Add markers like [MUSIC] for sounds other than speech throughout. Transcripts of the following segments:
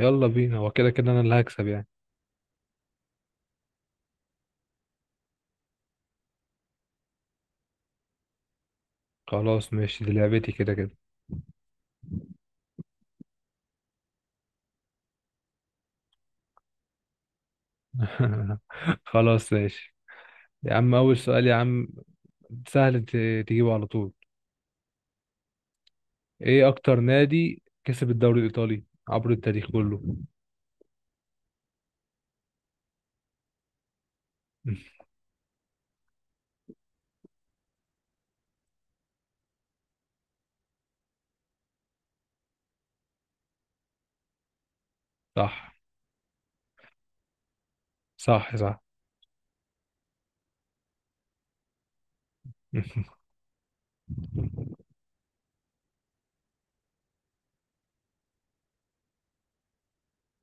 يلا بينا، هو كده كده انا اللي هكسب يعني. خلاص ماشي، دي لعبتي كده كده. [LAUGHS] خلاص ماشي. يا عم، اول سؤال يا عم، سهل، تجيبه على طول. ايه اكتر نادي كسب الدوري الايطالي عبر التاريخ كله؟ [LAUGHS] صح، صح. صح. [LAUGHS]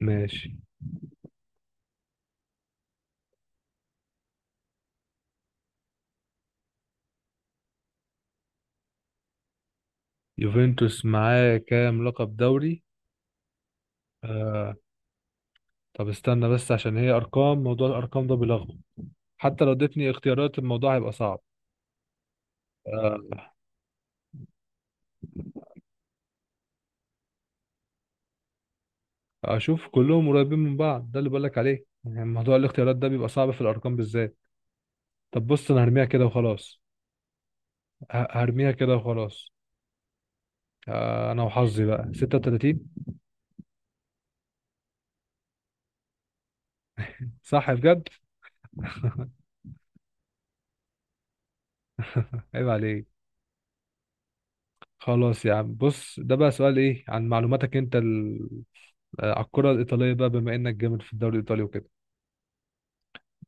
ماشي. يوفنتوس معاه كام لقب دوري؟ آه طب استنى بس، عشان هي ارقام، موضوع الارقام ده بيلخبط. حتى لو اديتني اختيارات، الموضوع هيبقى صعب. آه، اشوف كلهم قريبين من بعض، ده اللي بقولك عليه، يعني موضوع الاختيارات ده بيبقى صعب في الارقام بالذات. طب بص، انا هرميها كده وخلاص. هرميها كده وخلاص. انا وحظي بقى 36. صح بجد. عيب عليك. خلاص يا عم، بص، ده بقى سؤال ايه عن معلوماتك انت على الكرة الإيطالية، بقى بما انك جامد في الدوري الإيطالي وكده،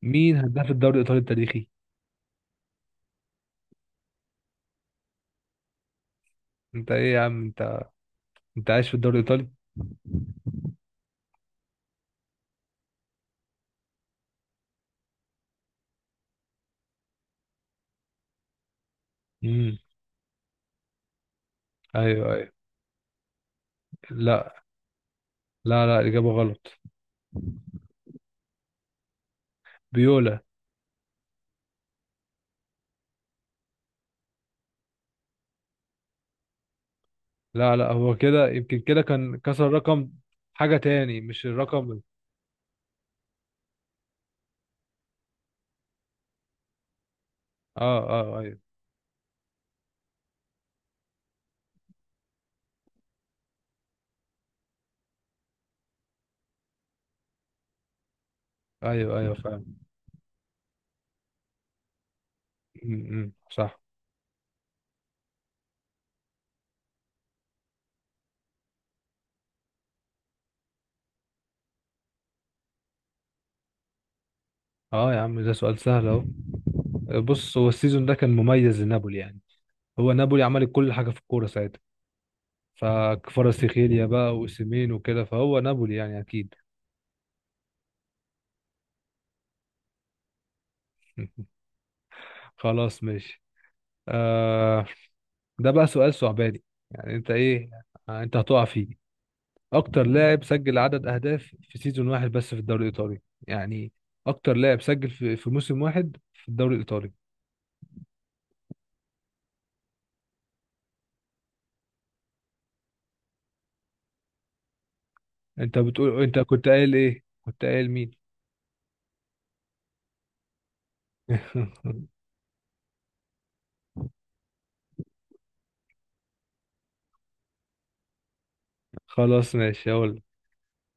مين هداف الدوري الإيطالي التاريخي؟ انت ايه يا عم انت عايش في الدوري الإيطالي. امم. ايوه، ايوه. لا، لا، لا، إجابة غلط. بيولا. لا، لا، هو كده، يمكن كده كان كسر رقم. حاجة تاني، مش الرقم اه. اه، ايوه، ايوه. ايوه فاهم. م- م، صح. اه يا عم، ده سؤال سهل اهو. بص، هو السيزون ده كان مميز لنابولي يعني. هو نابولي عملت كل حاجة في الكورة ساعتها. فكفاراتسخيليا بقى، وأوسيمين وكده، فهو نابولي يعني، أكيد. [LAUGHS] خلاص ماشي. آه ده بقى سؤال صعباني، يعني أنت إيه؟ أنت هتقع فيه. اكتر لاعب سجل عدد اهداف في سيزون واحد بس في الدوري الايطالي. يعني اكتر لاعب سجل في موسم واحد في الدوري الايطالي. انت بتقول، انت كنت قايل ايه؟ كنت قايل مين؟ [LAUGHS] خلاص ماشي، هقول لك.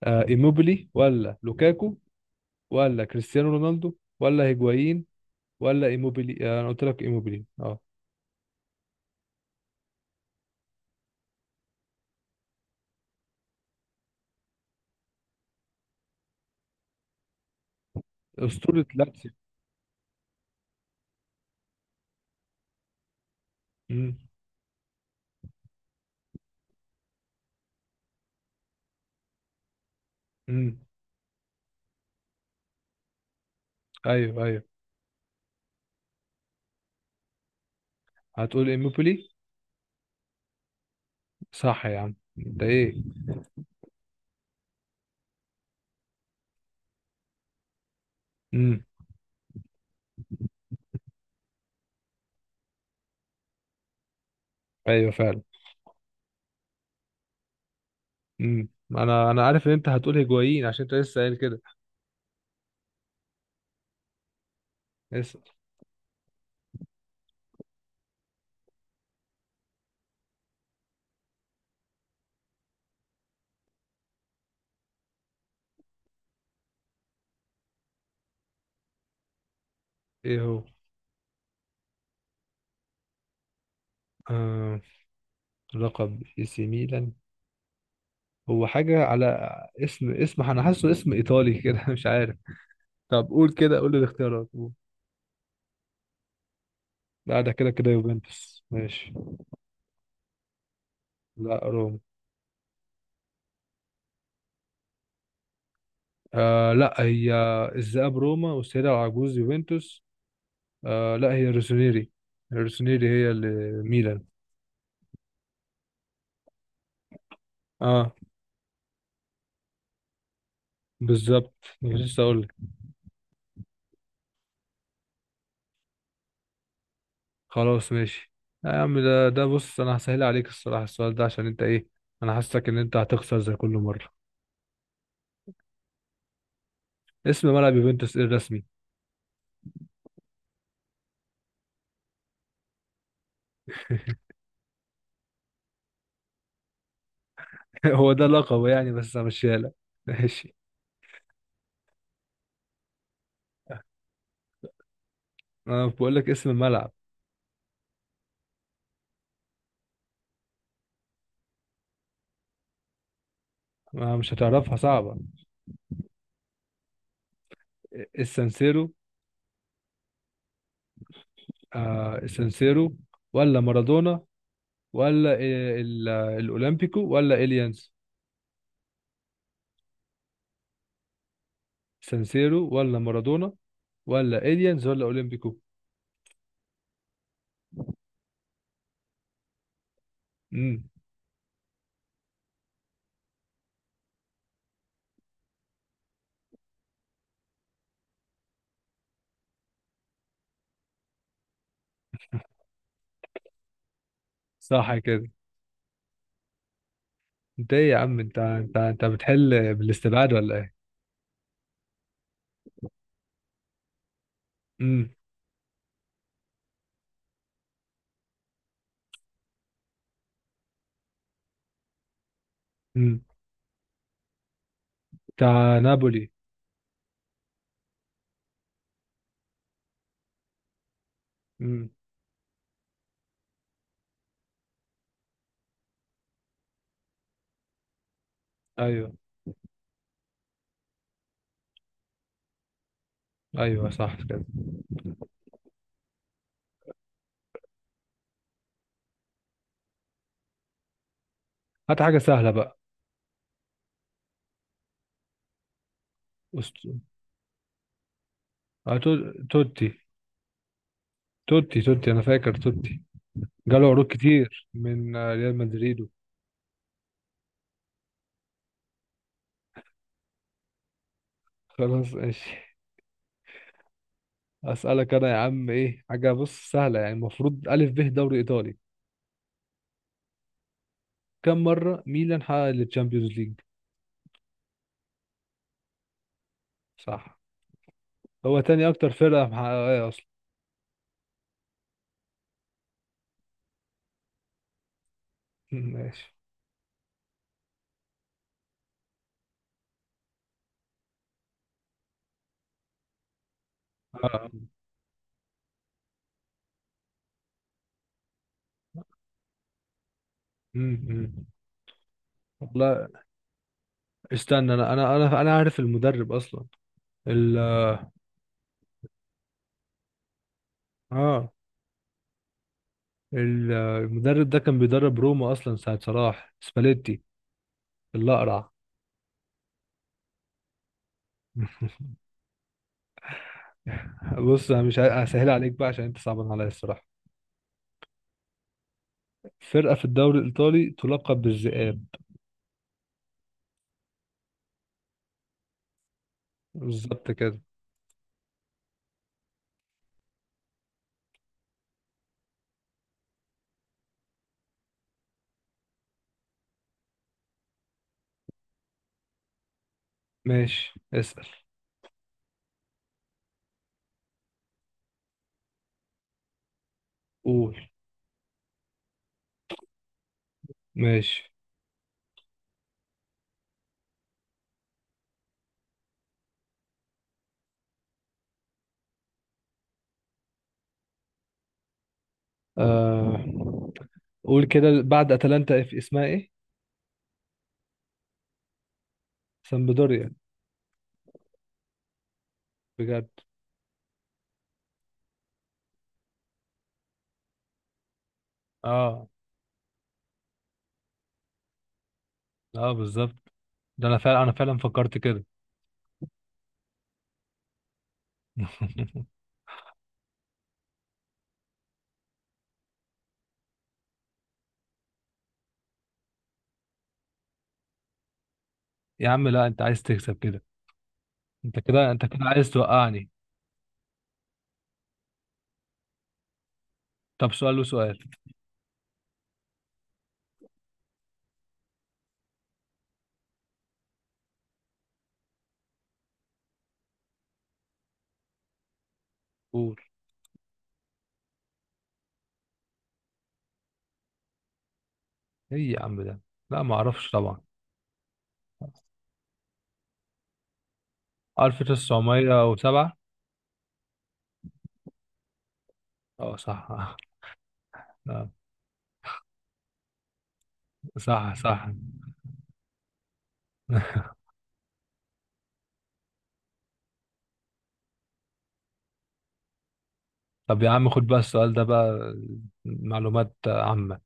ايموبيلي، ولا لوكاكو، ولا كريستيانو رونالدو، ولا هيجوايين، ولا ايموبيلي. انا قلت لك ايموبيلي، اه. اسطورة لاتسيو. امم، امم. ايوه، ايوه. هتقول ايموبيلي. صح يا عم، انت ايه؟ امم. ايوه فعلا. امم، انا عارف ان انت هتقول هيجوايين عشان انت لسه قايل كده. اسال. ايه هو؟ آه... لقب اي سي ميلان. هو حاجه على اسم، انا حاسه اسم ايطالي كده. [LAUGHS] مش عارف. طب قول كده، قول لي الاختيارات، قول. لا، ده كده كده يوفنتوس ماشي. لا، روما. لا، هي الذئاب روما، والسيدة العجوز يوفنتوس. لا، هي روسونيري. روسونيري هي اللي ميلان. اه، بالظبط، كنت لسه اقول لك. خلاص ماشي. لا يا عم، ده بص، انا هسهل عليك الصراحه السؤال ده، عشان انت ايه، انا حاسسك ان انت هتخسر زي كل مره. اسم ملعب يوفنتوس ايه الرسمي؟ [LAUGHS] هو ده لقبه يعني، بس همشيها لك. [LAUGHS] ماشي. انا بقول لك اسم الملعب. ما مش هتعرفها، صعبه. السانسيرو. السانسيرو، ولا مارادونا، ولا إيه الاولمبيكو، ولا اليانز. سانسيرو، ولا مارادونا، ولا اليانز، ولا اولمبيكو. امم. صح كده. انت ايه يا عم انت بتحل بالاستبعاد ولا ايه؟ امم، امم. بتاع نابولي. امم. ايوه، ايوه، صح كده. هات حاجه سهله بقى. أست... توتي. توتي، توتي، انا فاكر توتي. جاله عروض كتير من ريال مدريد. خلاص ماشي. اسالك انا يا عم، ايه حاجه، بص، سهله يعني، المفروض الف ب دوري ايطالي. كم مره ميلان حقق التشامبيونز ليج؟ صح. هو تاني اكتر فرقه محققه اصلا. [LAUGHS] ماشي. آه. امم، امم، والله استنى، انا عارف المدرب اصلا. ال اه. المدرب ده كان بيدرب روما اصلا ساعة صلاح، سباليتي الاقرع. [LAUGHS] بص، انا مش هسهل عليك بقى، عشان انت صعبان عليا الصراحة. فرقة في الدوري الايطالي تلقب بالذئاب. بالظبط كده. ماشي اسأل. قول. ماشي. آه. قول كده، بعد اتلانتا في اسمها ايه؟ سامبدوريا. بجد. اه، اه، بالظبط. ده انا فعلا، فكرت كده. [LAUGHS] يا عم لا، انت عايز تكسب كده. انت كده عايز توقعني. طب سؤال وسؤال. قول. ايه يا عم ده؟ لا، ما اعرفش طبعا. 1907. اه صح. [LAUGHS] آه، صح صح. [LAUGHS] طب يا عم، خد بقى السؤال ده بقى، معلومات عامة.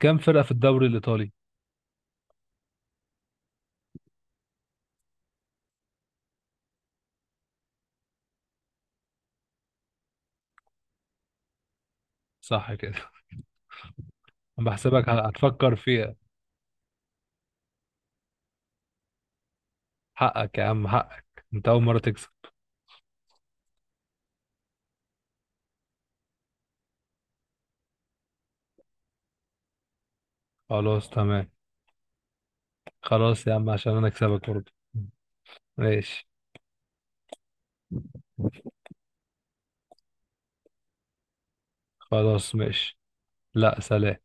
كم فرقة في الدوري الإيطالي؟ صح كده. [LAUGHS] انا بحسبك هتفكر فيها. حقك يا عم، حقك، انت أول مرة تكسب. خلاص تمام. خلاص يا عم، عشان انا اكسبك برضه. ماشي. خلاص ماشي. لا، سلام.